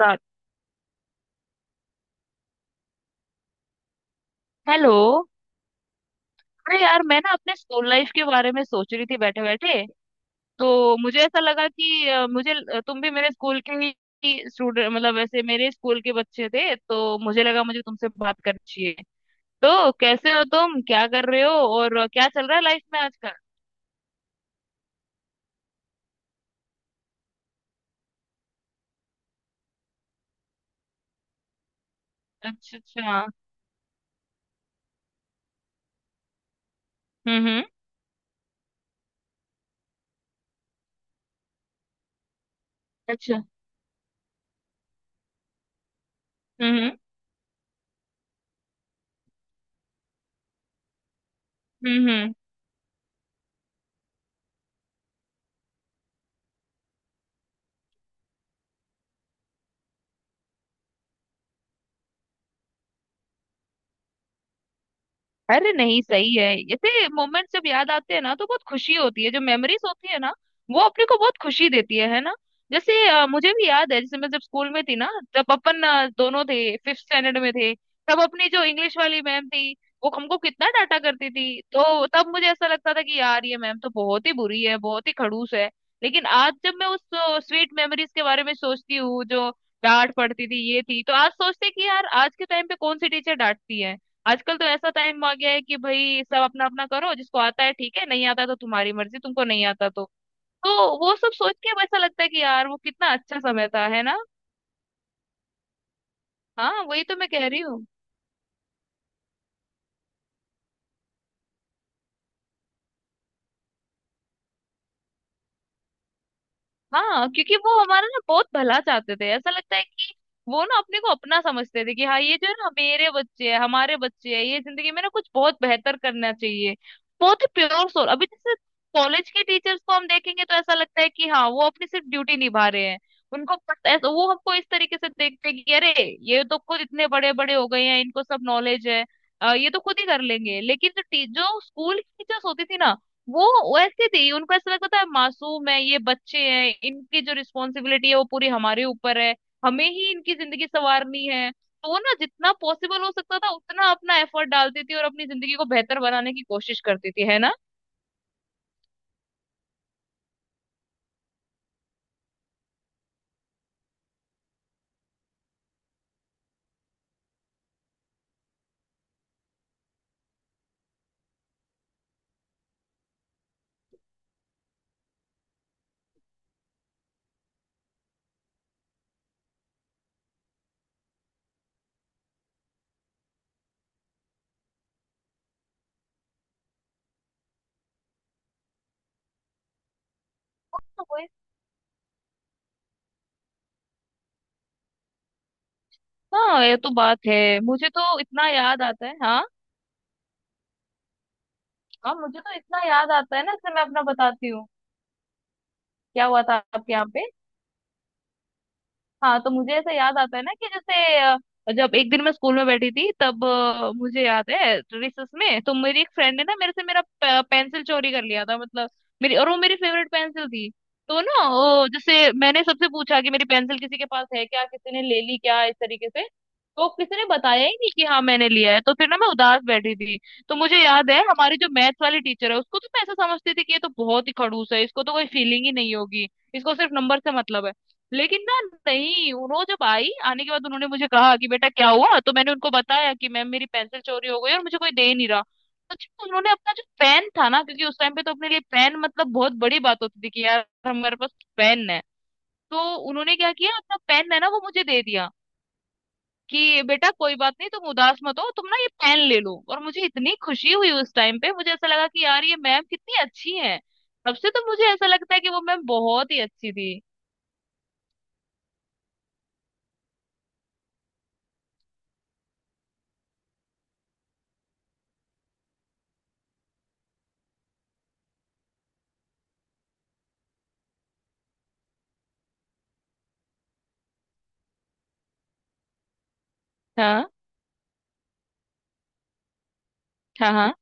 रात। हेलो। अरे यार मैं ना अपने स्कूल लाइफ के बारे में सोच रही थी बैठे बैठे। तो मुझे ऐसा लगा कि मुझे तुम भी मेरे स्कूल के ही स्टूडेंट, मतलब वैसे मेरे स्कूल के बच्चे थे, तो मुझे लगा मुझे तुमसे बात करनी चाहिए। तो कैसे हो तुम, क्या कर रहे हो और क्या चल रहा है लाइफ में आजकल? अच्छा अच्छा। हम्म। अच्छा। हम्म हम्म। अरे नहीं, सही है। ऐसे मोमेंट जब याद आते हैं ना तो बहुत खुशी होती है, जो मेमोरीज होती है ना वो अपने को बहुत खुशी देती है ना। जैसे मुझे भी याद है, जैसे मैं जब स्कूल में थी ना, तब अपन दोनों थे, फिफ्थ स्टैंडर्ड में थे। तब अपनी जो इंग्लिश वाली मैम थी वो हमको कितना डांटा करती थी, तो तब मुझे ऐसा लगता था कि यार ये मैम तो बहुत ही बुरी है, बहुत ही खड़ूस है। लेकिन आज जब मैं उस स्वीट मेमोरीज के बारे में सोचती हूँ, जो डांट पड़ती थी ये थी, तो आज सोचते हैं कि यार आज के टाइम पे कौन सी टीचर डांटती है। आजकल तो ऐसा टाइम आ गया है कि भाई सब अपना अपना करो, जिसको आता है ठीक है, नहीं आता है तो तुम्हारी मर्जी, तुमको नहीं आता तो वो सब सोच के अब ऐसा लगता है कि यार वो कितना अच्छा समय था, है ना। हाँ वही तो मैं कह रही हूँ। हाँ, क्योंकि वो हमारा ना बहुत भला चाहते थे, ऐसा लगता है कि वो ना अपने को अपना समझते थे कि हाँ ये जो है ना मेरे बच्चे हैं, हमारे बच्चे हैं, ये जिंदगी में ना कुछ बहुत बेहतर करना चाहिए। बहुत ही प्योर सोल। अभी जैसे कॉलेज के टीचर्स को हम देखेंगे तो ऐसा लगता है कि हाँ वो अपनी सिर्फ ड्यूटी निभा रहे हैं। उनको पता ऐसा, वो हमको इस तरीके से देखते हैं कि अरे ये तो खुद इतने बड़े बड़े हो गए हैं, इनको सब नॉलेज है, ये तो खुद ही कर लेंगे। लेकिन जो जो स्कूल की टीचर्स होती थी ना वो वैसे थी, उनको ऐसा लगता था मासूम है, ये बच्चे हैं, इनकी जो रिस्पॉन्सिबिलिटी है वो पूरी हमारे ऊपर है, हमें ही इनकी जिंदगी संवारनी है, तो वो ना जितना पॉसिबल हो सकता था उतना अपना एफर्ट डालती थी और अपनी जिंदगी को बेहतर बनाने की कोशिश करती थी, है ना। तो वही- हाँ ये तो बात है। मुझे तो इतना याद आता है, हाँ। हाँ, मुझे तो इतना याद आता है ना, इसलिए मैं अपना बताती हूँ। क्या हुआ था आपके यहाँ पे? हाँ, तो मुझे ऐसा याद आता है ना कि जैसे जब एक दिन मैं स्कूल में बैठी थी, तब मुझे याद है रिसेस में तो मेरी एक फ्रेंड ने ना मेरे से मेरा पेंसिल चोरी कर लिया था, मतलब मेरी, और वो मेरी फेवरेट पेंसिल थी। तो ना वो जैसे मैंने सबसे पूछा कि मेरी पेंसिल किसी के पास है क्या, किसी ने ले ली क्या, इस तरीके से। तो किसी ने बताया ही नहीं कि हाँ मैंने लिया है, तो फिर ना मैं उदास बैठी थी। तो मुझे याद है हमारी जो मैथ्स वाली टीचर है उसको तो मैं ऐसा समझती थी कि ये तो बहुत ही खड़ूस है, इसको तो कोई फीलिंग ही नहीं होगी, इसको सिर्फ नंबर से मतलब है। लेकिन ना, नहीं, उन्होंने जब आई आने के बाद उन्होंने मुझे कहा कि बेटा क्या हुआ, तो मैंने उनको बताया कि मैम मेरी पेंसिल चोरी हो गई और मुझे कोई दे नहीं रहा। अच्छा, उन्होंने अपना जो पेन था ना, क्योंकि उस टाइम पे तो अपने लिए पेन मतलब बहुत बड़ी बात होती थी, कि यार हमारे पास पेन है। तो उन्होंने क्या किया, अपना पेन है ना वो मुझे दे दिया कि बेटा कोई बात नहीं, तुम उदास मत हो, तुम ना ये पेन ले लो, और मुझे इतनी खुशी हुई उस टाइम पे, मुझे ऐसा लगा कि यार ये मैम कितनी अच्छी है। तब से तो मुझे ऐसा लगता है कि वो मैम बहुत ही अच्छी थी। हाँ हाँ हाँ।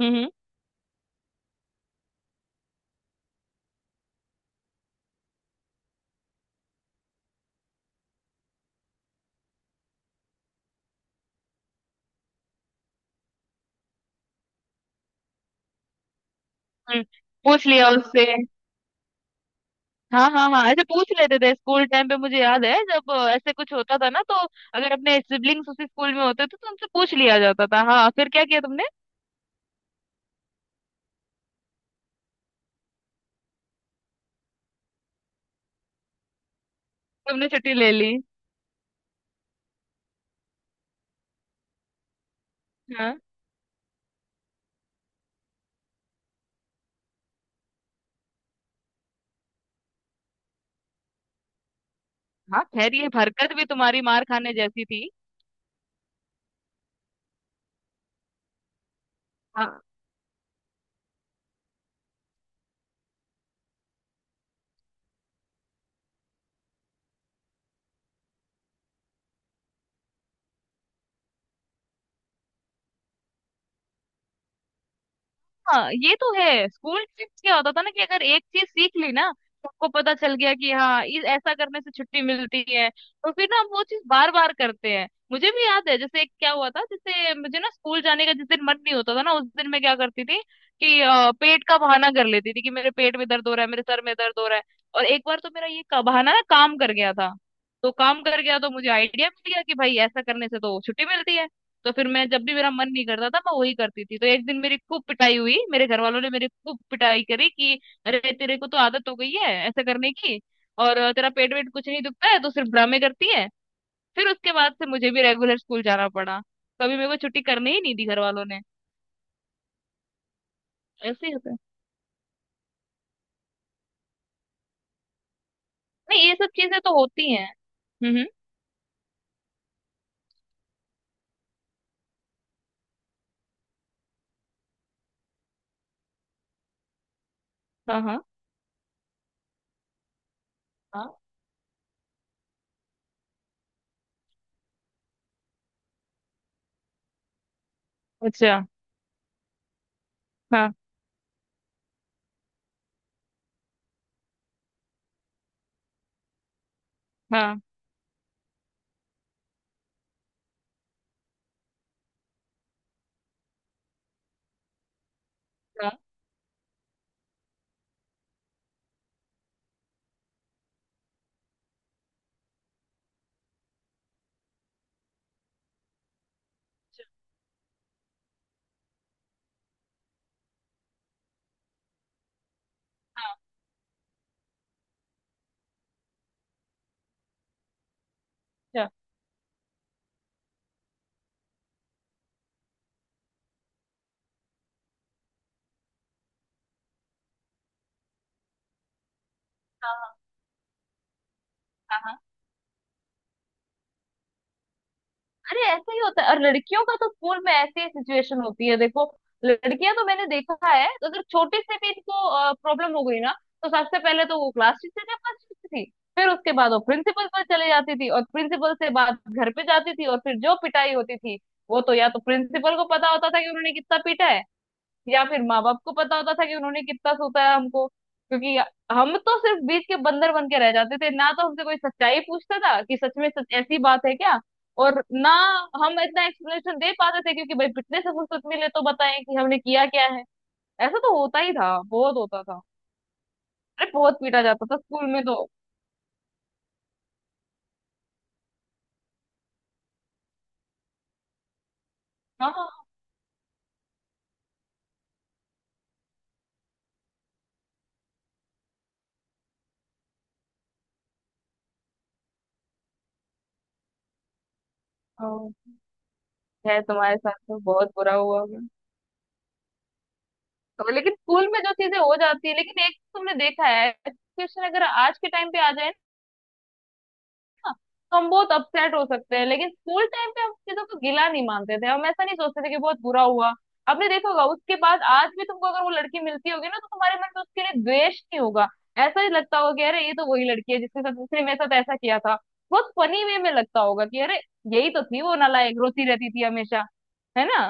हम्म हम्म। हम्म, पूछ लिया उससे। हाँ हाँ हाँ, ऐसे पूछ लेते थे स्कूल टाइम पे। मुझे याद है जब ऐसे कुछ होता था ना, तो अगर अपने सिबलिंग्स उसी स्कूल में होते थे तो उनसे पूछ लिया जाता था, हाँ फिर क्या किया तुमने। तुमने छुट्टी ले ली? हाँ हाँ, खैर ये हरकत भी तुम्हारी मार खाने जैसी थी। हाँ ये तो है, स्कूल ट्रिप क्या होता था ना कि अगर एक चीज सीख ली ना, सबको पता चल गया कि हाँ इस ऐसा करने से छुट्टी मिलती है, तो फिर ना हम वो चीज बार बार करते हैं। मुझे भी याद है जैसे क्या हुआ था, जैसे मुझे ना स्कूल जाने का जिस दिन मन नहीं होता था ना उस दिन मैं क्या करती थी कि पेट का बहाना कर लेती थी कि मेरे पेट में दर्द हो रहा है, मेरे सर में दर्द हो रहा है। और एक बार तो मेरा ये बहाना ना काम कर गया था, तो काम कर गया तो मुझे आइडिया मिल गया कि भाई ऐसा करने से तो छुट्टी मिलती है। तो फिर मैं जब भी मेरा मन नहीं करता था मैं वही करती थी, तो एक दिन मेरी खूब पिटाई हुई, मेरे घर वालों ने मेरी खूब पिटाई करी कि अरे तेरे को तो आदत हो गई है ऐसे करने की, और तेरा पेट वेट कुछ नहीं दुखता है, तो सिर्फ ड्रामे करती है। फिर उसके बाद से मुझे भी रेगुलर स्कूल जाना पड़ा, कभी मेरे को छुट्टी करने ही नहीं दी घर वालों ने। ऐसे ही होता है। नहीं ये सब चीजें तो होती हैं। हम्म। हाँ हाँ हाँ। अच्छा। हाँ हाँ हाँ। अच्छा। हाँ हाँ हाँ। अरे ऐसे ही होता है, और लड़कियों का तो स्कूल में ऐसी ही सिचुएशन होती है, देखो। लड़कियां तो मैंने देखा है, तो अगर छोटी से भी इनको प्रॉब्लम हो गई ना तो सबसे पहले तो वो क्लास टीचर के पास जाती थी, फिर उसके बाद वो प्रिंसिपल पर चले जाती थी, और प्रिंसिपल से बात घर पे जाती थी, और फिर जो पिटाई होती थी वो तो या तो प्रिंसिपल को पता होता था कि उन्होंने कितना पीटा है, या फिर माँ बाप को पता होता था कि उन्होंने कितना सोता है हमको, क्योंकि हम तो सिर्फ बीच के बंदर बन के रह जाते थे ना, तो हमसे कोई सच्चाई पूछता था कि सच में सच ऐसी बात है क्या। और ना हम इतना एक्सप्लेनेशन दे पाते थे, क्योंकि भाई पिछले से फुर्सत मिले तो बताएं कि हमने किया क्या है। ऐसा तो होता ही था, बहुत होता था। अरे बहुत पीटा जाता था स्कूल में तो। हाँ हाँ, है, तुम्हारे साथ तो बहुत बुरा हुआ होगा। तो लेकिन स्कूल में जो चीजें हो जाती है, लेकिन एक तो तुमने देखा है सिचुएशन, अगर आज के टाइम पे आ जाए तो हम बहुत अपसेट हो सकते हैं, लेकिन स्कूल टाइम पे हम चीजों को गिला नहीं मानते थे, हम ऐसा नहीं सोचते थे कि बहुत बुरा हुआ। आपने देखा होगा, उसके बाद आज भी तुमको अगर वो लड़की मिलती होगी ना तो तुम्हारे मन में उसके लिए द्वेष नहीं होगा, ऐसा ही लगता होगा कि अरे ये तो वही लड़की है जिसके साथ उसने मेरे साथ ऐसा किया था। बहुत फनी वे में लगता होगा कि अरे यही तो थी वो नालायक, रोती रहती थी हमेशा, है ना।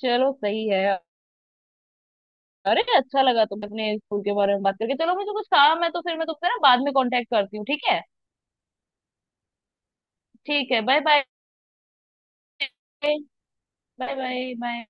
चलो सही है। अरे अच्छा लगा तुम अपने स्कूल के बारे में बात करके, चलो मुझे कुछ काम है तो फिर मैं तुमसे ना बाद में कांटेक्ट करती हूँ, ठीक है। ठीक है, bye bye bye bye bye.